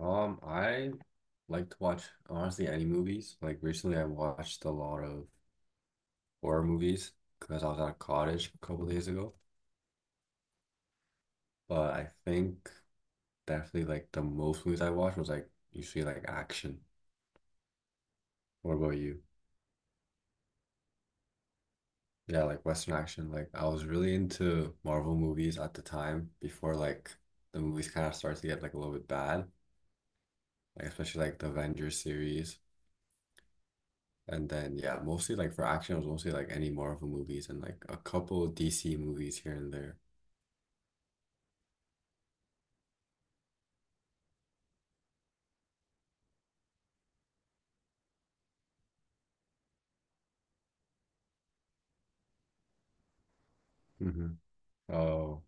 I like to watch honestly any movies. Like recently, I watched a lot of horror movies because I was at a cottage a couple days ago. But I think definitely like the most movies I watched was like usually like action. What about you? Yeah, like Western action. Like I was really into Marvel movies at the time before like the movies kind of started to get like a little bit bad. Like especially like the Avengers series. And then yeah, mostly like for action, it was mostly like any Marvel movies and like a couple DC movies here and there. Hmm. Oh,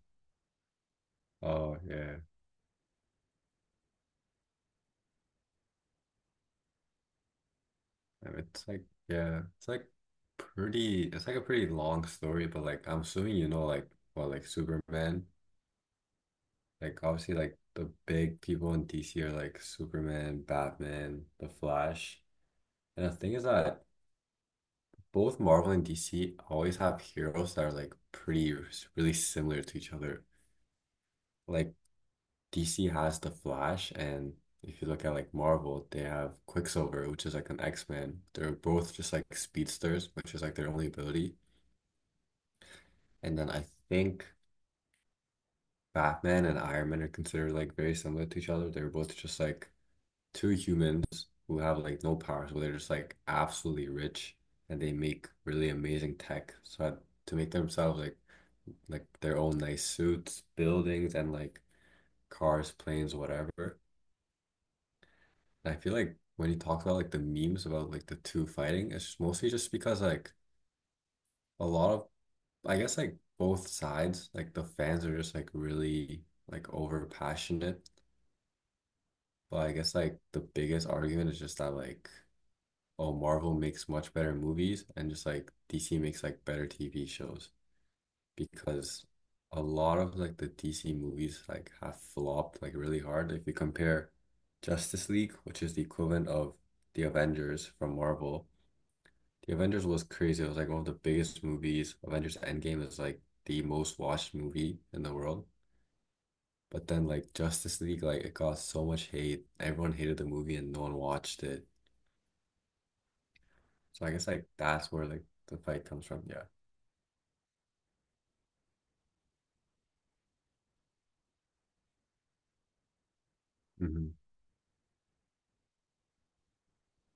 oh yeah. And It's like yeah, it's like pretty it's like a pretty long story, but like I'm assuming you know like well like Superman. Like obviously like the big people in DC are like Superman, Batman, The Flash. And the thing is that both Marvel and DC always have heroes that are like pretty really similar to each other. Like DC has the Flash, and if you look at like Marvel, they have Quicksilver, which is like an X-Man. They're both just like speedsters, which is like their only ability. And then I think Batman and Iron Man are considered like very similar to each other. They're both just like two humans who have like no powers, but they're just like absolutely rich and they make really amazing tech. To make themselves like their own nice suits, buildings, and like cars, planes, whatever. I feel like when you talk about like the memes about like the two fighting, it's mostly just because like a lot of I guess like both sides, like the fans are just like really like over passionate. But I guess like the biggest argument is just that like oh Marvel makes much better movies and just like DC makes like better TV shows because a lot of like the DC movies like have flopped like really hard. If you compare Justice League, which is the equivalent of the Avengers from Marvel, the Avengers was crazy. It was like one of the biggest movies. Avengers Endgame is like the most watched movie in the world. But then like Justice League, like it got so much hate. Everyone hated the movie and no one watched it. So I guess like that's where like the fight comes from. Yeah. Hmm.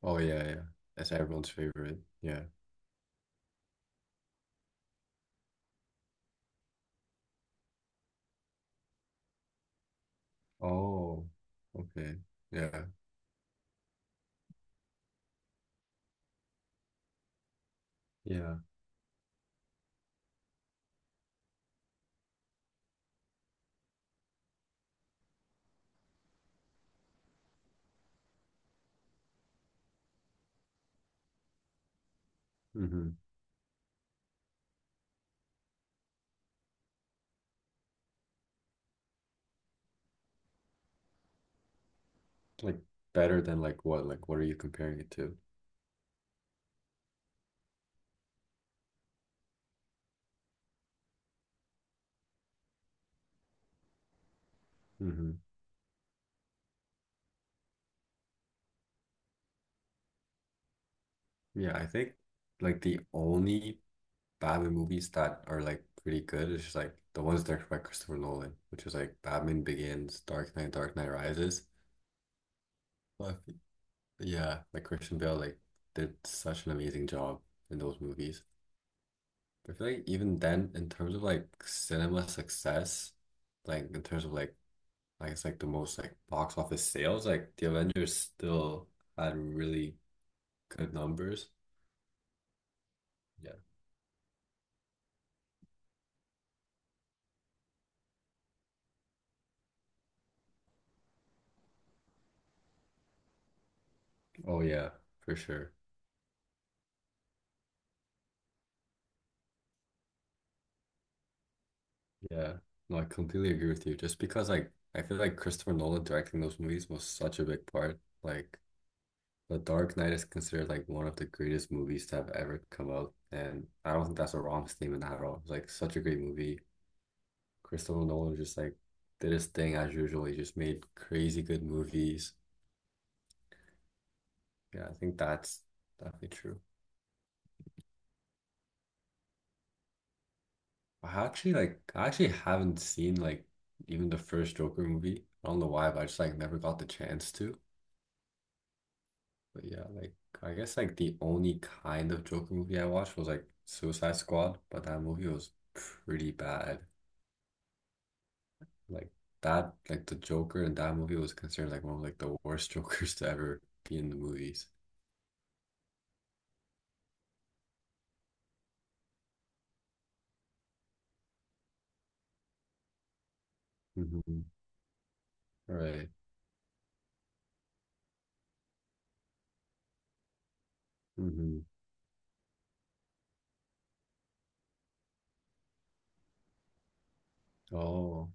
Oh yeah, yeah. That's everyone's favorite. Yeah. Oh, okay. Yeah. Yeah. Hmm. Like better than like what? Like what are you comparing it to? Hmm. Yeah, I think like the only Batman movies that are like pretty good. It's just like the ones directed by Christopher Nolan, which is like Batman Begins, Dark Knight, Dark Knight Rises. But yeah, like Christian Bale like did such an amazing job in those movies. I feel like even then, in terms of like cinema success, like in terms of like I guess like the most like box office sales, like the Avengers still had really good numbers. Yeah. Oh yeah, for sure. Yeah, no, I completely agree with you. Just because like I feel like Christopher Nolan directing those movies was such a big part. Like The Dark Knight is considered like one of the greatest movies to have ever come out, and I don't think that's a wrong statement at all. It's like such a great movie. Christopher Nolan just like did his thing as usual. He just made crazy good movies. Yeah, I think that's definitely true. I actually haven't seen like even the first Joker movie. I don't know why, but I just like never got the chance to. But yeah, like I guess like the only kind of Joker movie I watched was like Suicide Squad, but that movie was pretty bad. Like the Joker in that movie was considered like one of like the worst Jokers to ever be in the movies. Mm-hmm. Right. Mm-hmm. Oh,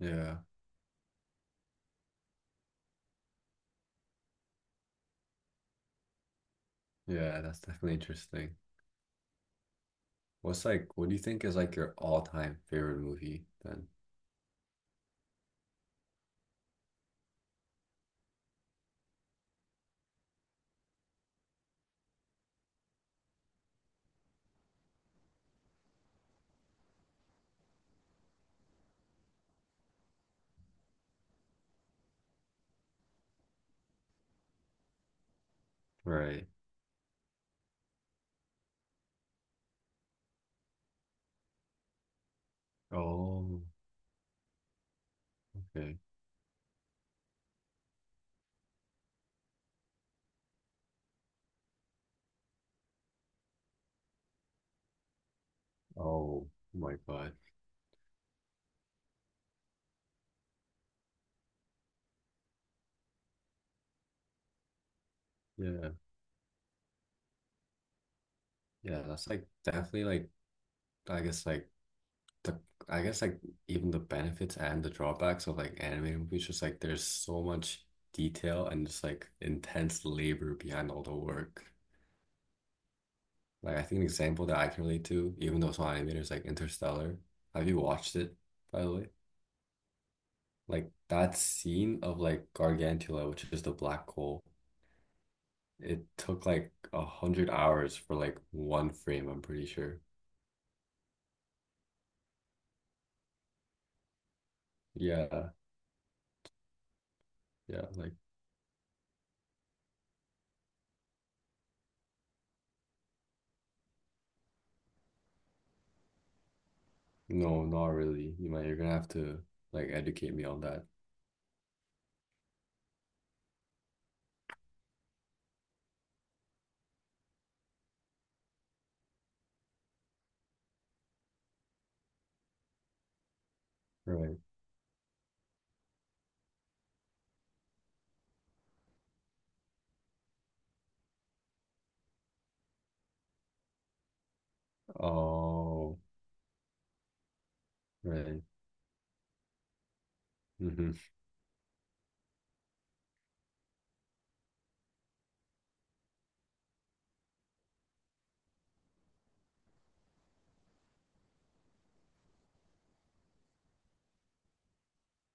yeah. Yeah, that's definitely interesting. What do you think is like your all-time favorite movie then? Right. Oh, okay. Oh my God. Yeah. Yeah, that's like definitely like I guess like the I guess like even the benefits and the drawbacks of like animated movies, just like there's so much detail and just like intense labor behind all the work. Like I think an example that I can relate to, even though it's not animated, is like Interstellar. Have you watched it, by the way? Like that scene of like Gargantula, which is the black hole, it took like 100 hours for like one frame, I'm pretty sure. Yeah, yeah, like no, not really. You might you're gonna have to like educate me on that. Right. Oh, right. Hmm.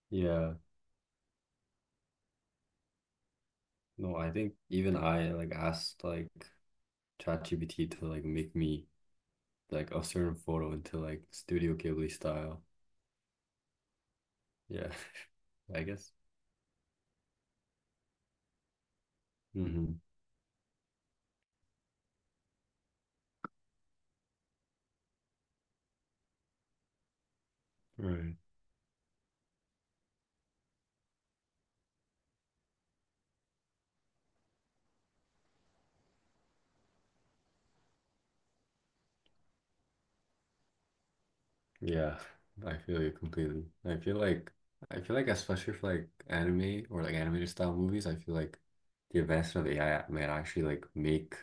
Yeah. No, I think even I like asked like ChatGPT to like make me like a certain photo into like Studio Ghibli style. Yeah, I guess. Hmm. Right. Yeah, I feel you completely. I feel like especially for like anime or like animated style movies, I feel like the advancement of AI might actually like make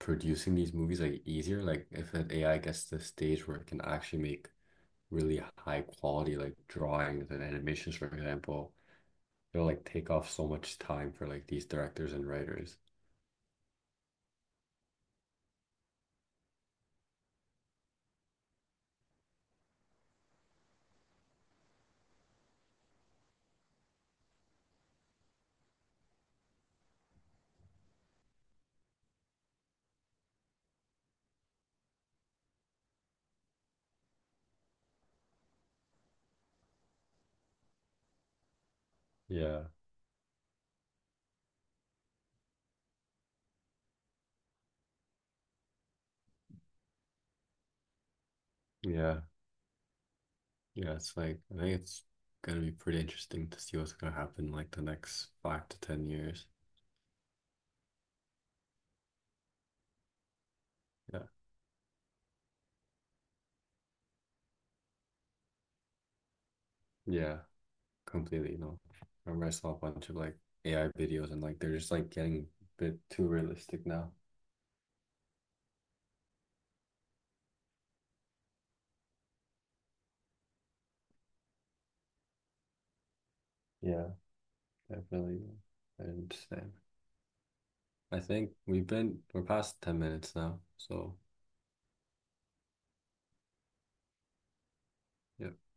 producing these movies like easier. Like if an AI gets to the stage where it can actually make really high quality like drawings and animations, for example, it'll like take off so much time for like these directors and writers. Yeah. Yeah. Yeah. It's like I think it's gonna be pretty interesting to see what's gonna happen like the next 5 to 10 years. Yeah. Yeah. Completely. No. I remember I saw a bunch of like AI videos and like they're just like getting a bit too realistic now. Yeah, definitely. I understand. I think we've been we're past 10 minutes now, so yeah.